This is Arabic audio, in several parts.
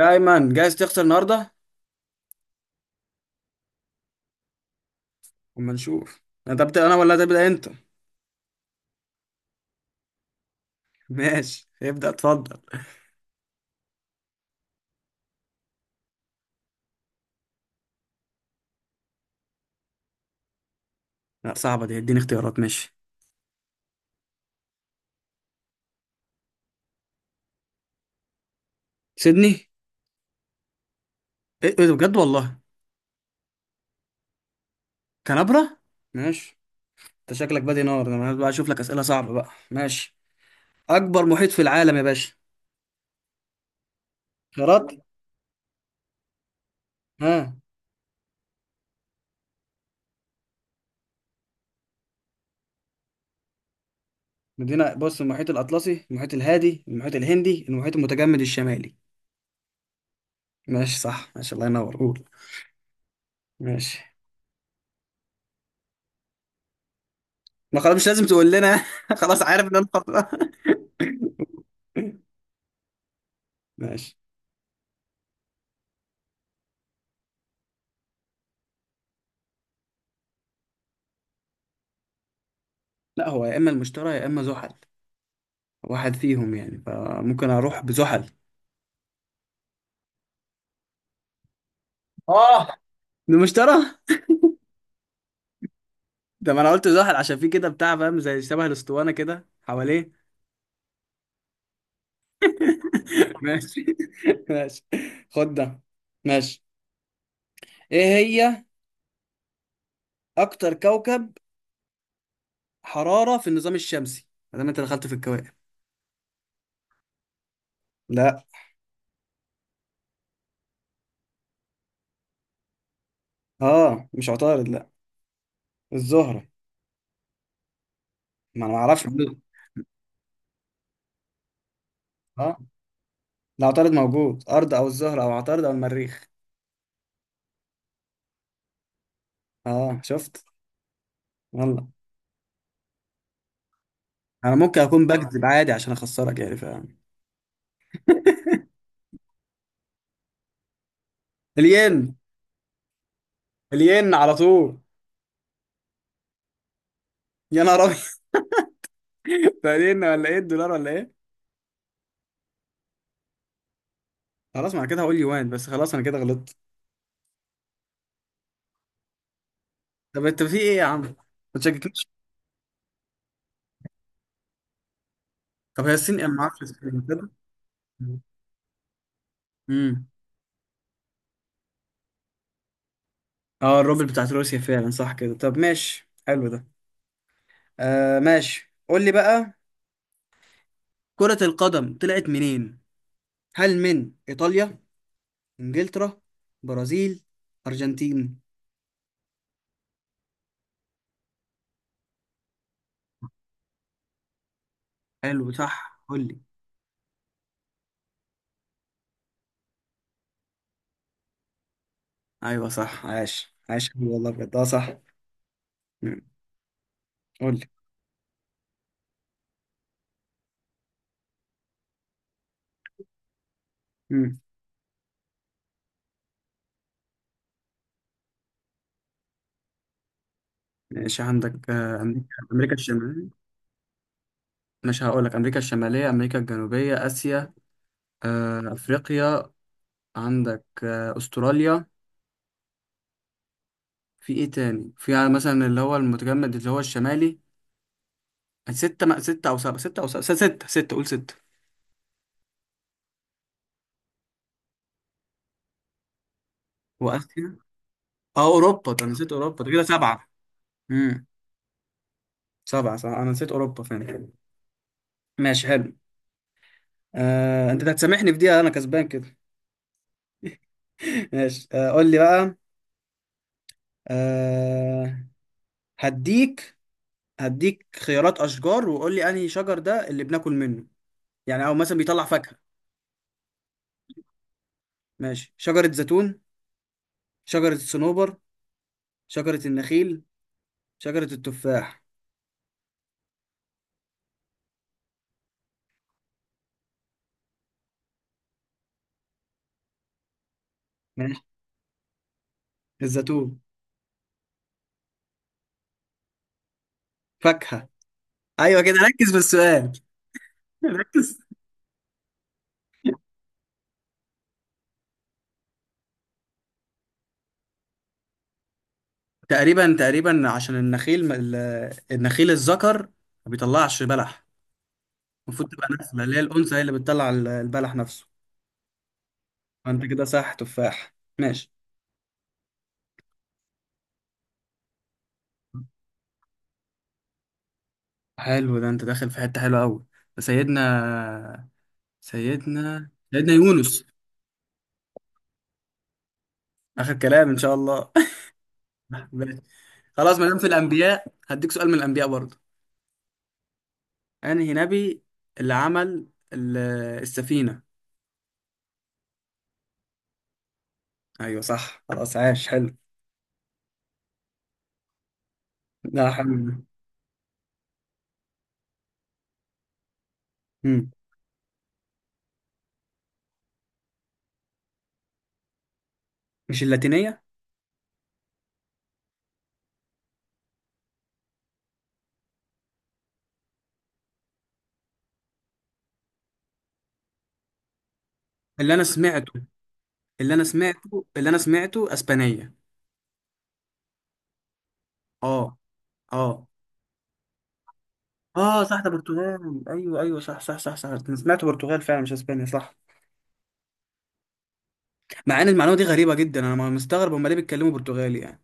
يا ايمن، جاهز تخسر النهارده؟ اما نشوف. انت بتبدا انا ولا تبدا انت؟ ماشي، ابدا اتفضل. لا، صعبه دي، اديني اختيارات ماشي. سيدني. ايه، ده بجد والله؟ كنبره. ماشي. انت شكلك بادي نار، انا بقى اشوف لك اسئله صعبه بقى. ماشي، اكبر محيط في العالم يا باشا؟ خيارات. ها؟ بص، المحيط الاطلسي، المحيط الهادي، المحيط الهندي، المحيط المتجمد الشمالي. ماشي صح، ماشي، الله ينور، قول. ماشي. ما خلاص، مش لازم تقول لنا. خلاص، عارف ان انا خطأ. ماشي. لا، هو يا اما المشترى يا اما زحل، واحد فيهم يعني، فممكن اروح بزحل. اه، المشترى. ده ما انا قلت زحل عشان في كده بتاع، فاهم؟ زي شبه الاسطوانه كده حواليه. ماشي. ماشي، خد ده. ماشي، ايه هي اكتر كوكب حراره في النظام الشمسي؟ ما دام انت دخلت في الكواكب. لا. اه، مش عطارد، لا. الزهره. ما انا ما اعرفش. اه، لا، عطارد موجود، ارض او الزهره او عطارد او المريخ. اه، شفت؟ يلا. انا ممكن اكون بكذب عادي عشان اخسرك يعني. الين. الين على طول. يا نهار ابيض، ده الين ولا ايه؟ الدولار ولا ايه؟ خلاص، ما انا كده هقول يوان بس، خلاص انا كده غلطت. طب انت في ايه يا عم؟ ما تشككنيش. طب هي الصين ايه؟ ما اعرفش الصين كده. امم اه، الروبل بتاعت روسيا فعلا، صح كده. طب ماشي، حلو ده. آه ماشي، قول لي بقى. كرة القدم طلعت منين؟ هل من ايطاليا، انجلترا، برازيل، ارجنتين؟ حلو صح، قول لي. ايوه صح، عاش عاش والله بجد، اه صح. مم. قول لي. ماشي. عندك أمريكا، أمريكا الشمالية. مش هقول لك، أمريكا الشمالية، أمريكا الجنوبية، آسيا، أفريقيا، عندك أستراليا، في إيه تاني؟ في يعني مثلا اللي هو المتجمد اللي هو الشمالي. ستة أو سبعة، ستة أو سبعة، ستة قول ستة. وآسيا. أه، أوروبا، ده أنا نسيت أوروبا، ده كده سبعة. امم سبعة صح، أنا نسيت أوروبا فعلا. ماشي حلو. أنت هتسامحني في دي، أنا كسبان كده. ماشي، قول لي بقى. آه، هديك، هديك خيارات اشجار، وقول لي انهي شجر ده اللي بناكل منه، يعني او مثلا بيطلع فاكهه. ماشي، شجره زيتون، شجره الصنوبر، شجره النخيل، شجره التفاح. ماشي. الزيتون. فاكهه. ايوه كده، ركز في السؤال. ركز. تقريبا تقريبا، عشان النخيل النخيل الذكر ما بيطلعش بلح. المفروض تبقى نسله اللي هي الانثى، هي اللي بتطلع البلح نفسه. فانت كده صح، تفاح، ماشي. حلو ده، انت داخل في حته حلوه قوي. سيدنا، سيدنا يونس. آخر كلام إن شاء الله. ماشي. خلاص، ما دام في الأنبياء هديك سؤال من الأنبياء برضه. أنهي نبي اللي عمل ال- السفينة؟ أيوه صح، خلاص، عاش، حلو. لا. حلو. مم. مش اللاتينية؟ اللي أنا سمعته اللي أنا سمعته أسبانية. أه. أه. اه صح، ده برتغال، ايوه ايوه صح صح صح صح، أنا سمعت برتغال فعلا مش اسبانيا، صح. مع ان المعلومه دي غريبه جدا، انا ما مستغرب هم ليه بيتكلموا برتغالي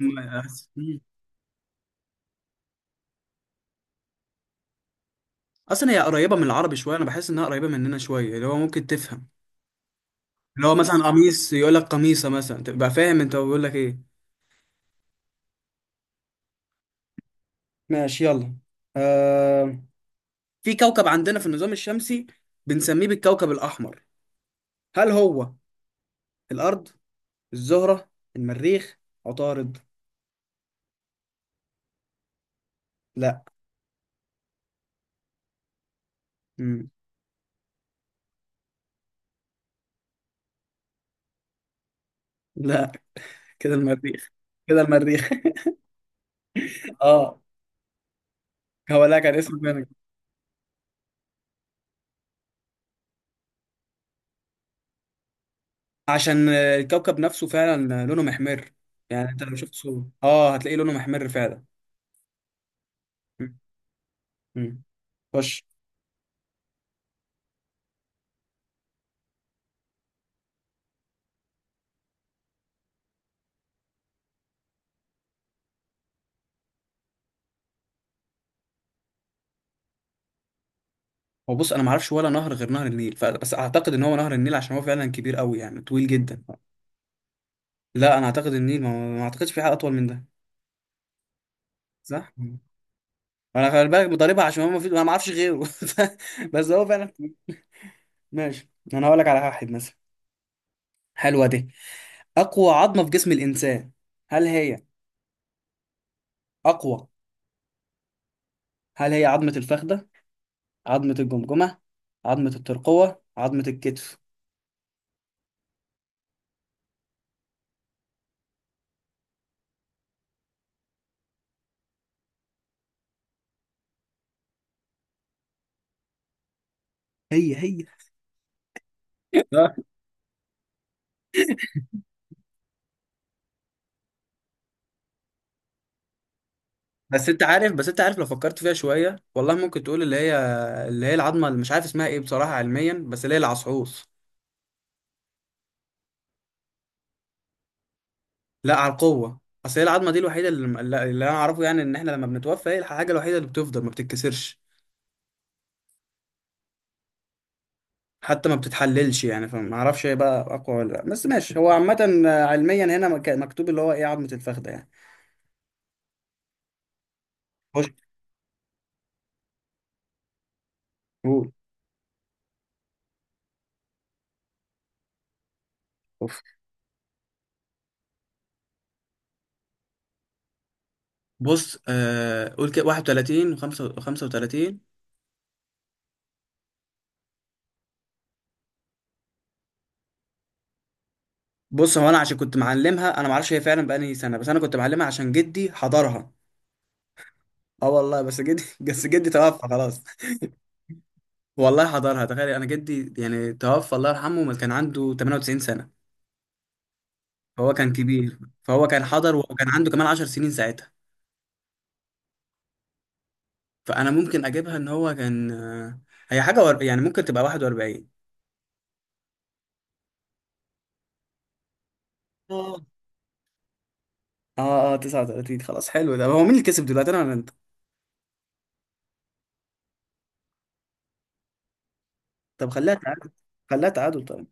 يعني. اصلا هي قريبه من العربي شويه، انا بحس انها قريبه مننا شويه، اللي هو ممكن تفهم. اللي هو مثلا قميص يقول لك قميصه مثلا، تبقى فاهم انت بيقول لك ايه. ماشي، يلا. آه... في كوكب عندنا في النظام الشمسي بنسميه بالكوكب الاحمر، هل هو الارض، الزهره، المريخ، عطارد؟ لا. مم. لا كده المريخ، كده المريخ. اه. هو لا كان اسمه كده. عشان الكوكب نفسه فعلا لونه محمر. يعني انت لو شفت صوره اه هتلاقيه لونه محمر فعلا. مم. خش. هو بص، انا ما اعرفش ولا نهر غير نهر النيل، بس اعتقد ان هو نهر النيل عشان هو فعلا كبير قوي، يعني طويل جدا. لا، انا اعتقد النيل، ما اعتقدش في حاجه اطول من ده. صح. مم. انا خلي بالك بضربها عشان هو ما في، انا ما اعرفش غيره، بس هو فعلا. ماشي. انا هقول لك على واحد مثلا. حلوه دي، اقوى عظمه في جسم الانسان، هل هي اقوى؟ هل هي عظمه الفخذه، عظمه الجمجمه، عظمه الترقوه، عظمه الكتف؟ هي هي. بس انت عارف، لو فكرت فيها شويه والله ممكن تقول اللي هي، اللي هي العظمه اللي مش عارف اسمها ايه بصراحه علميا، بس اللي هي العصعوص. لا، على القوه. اصل هي العظمه دي الوحيده اللي انا اعرفه يعني ان احنا لما بنتوفى هي الحاجه الوحيده اللي بتفضل ما بتتكسرش، حتى ما بتتحللش يعني. فما اعرفش هي بقى اقوى ولا لا، بس ماشي، هو عامه علميا هنا مكتوب اللي هو ايه، عظمه الفخذه يعني. خش، قول. اوف. بص، قول كده، 31 و35. بص، هو انا عشان كنت معلمها، انا ما اعرفش هي فعلا بقالي سنه بس انا كنت معلمها عشان جدي حضرها. اه والله، بس جدي، بس جدي توفى خلاص. والله حضرها، تخيل، انا جدي يعني توفى الله يرحمه ما كان عنده 98 سنه، فهو كان كبير، فهو كان حضر وكان عنده كمان 10 سنين ساعتها. فانا ممكن اجيبها ان هو كان، هي حاجه ور... يعني ممكن تبقى 41. اه اه 39. خلاص حلو ده، هو مين اللي كسب دلوقتي انا ولا انت؟ طب خليها تعادل. خليها تعادل طيب.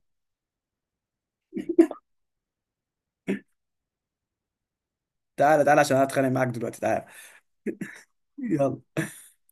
تعالى تعالى عشان أنا اتخانق معاك دلوقتي، تعالى. يلا.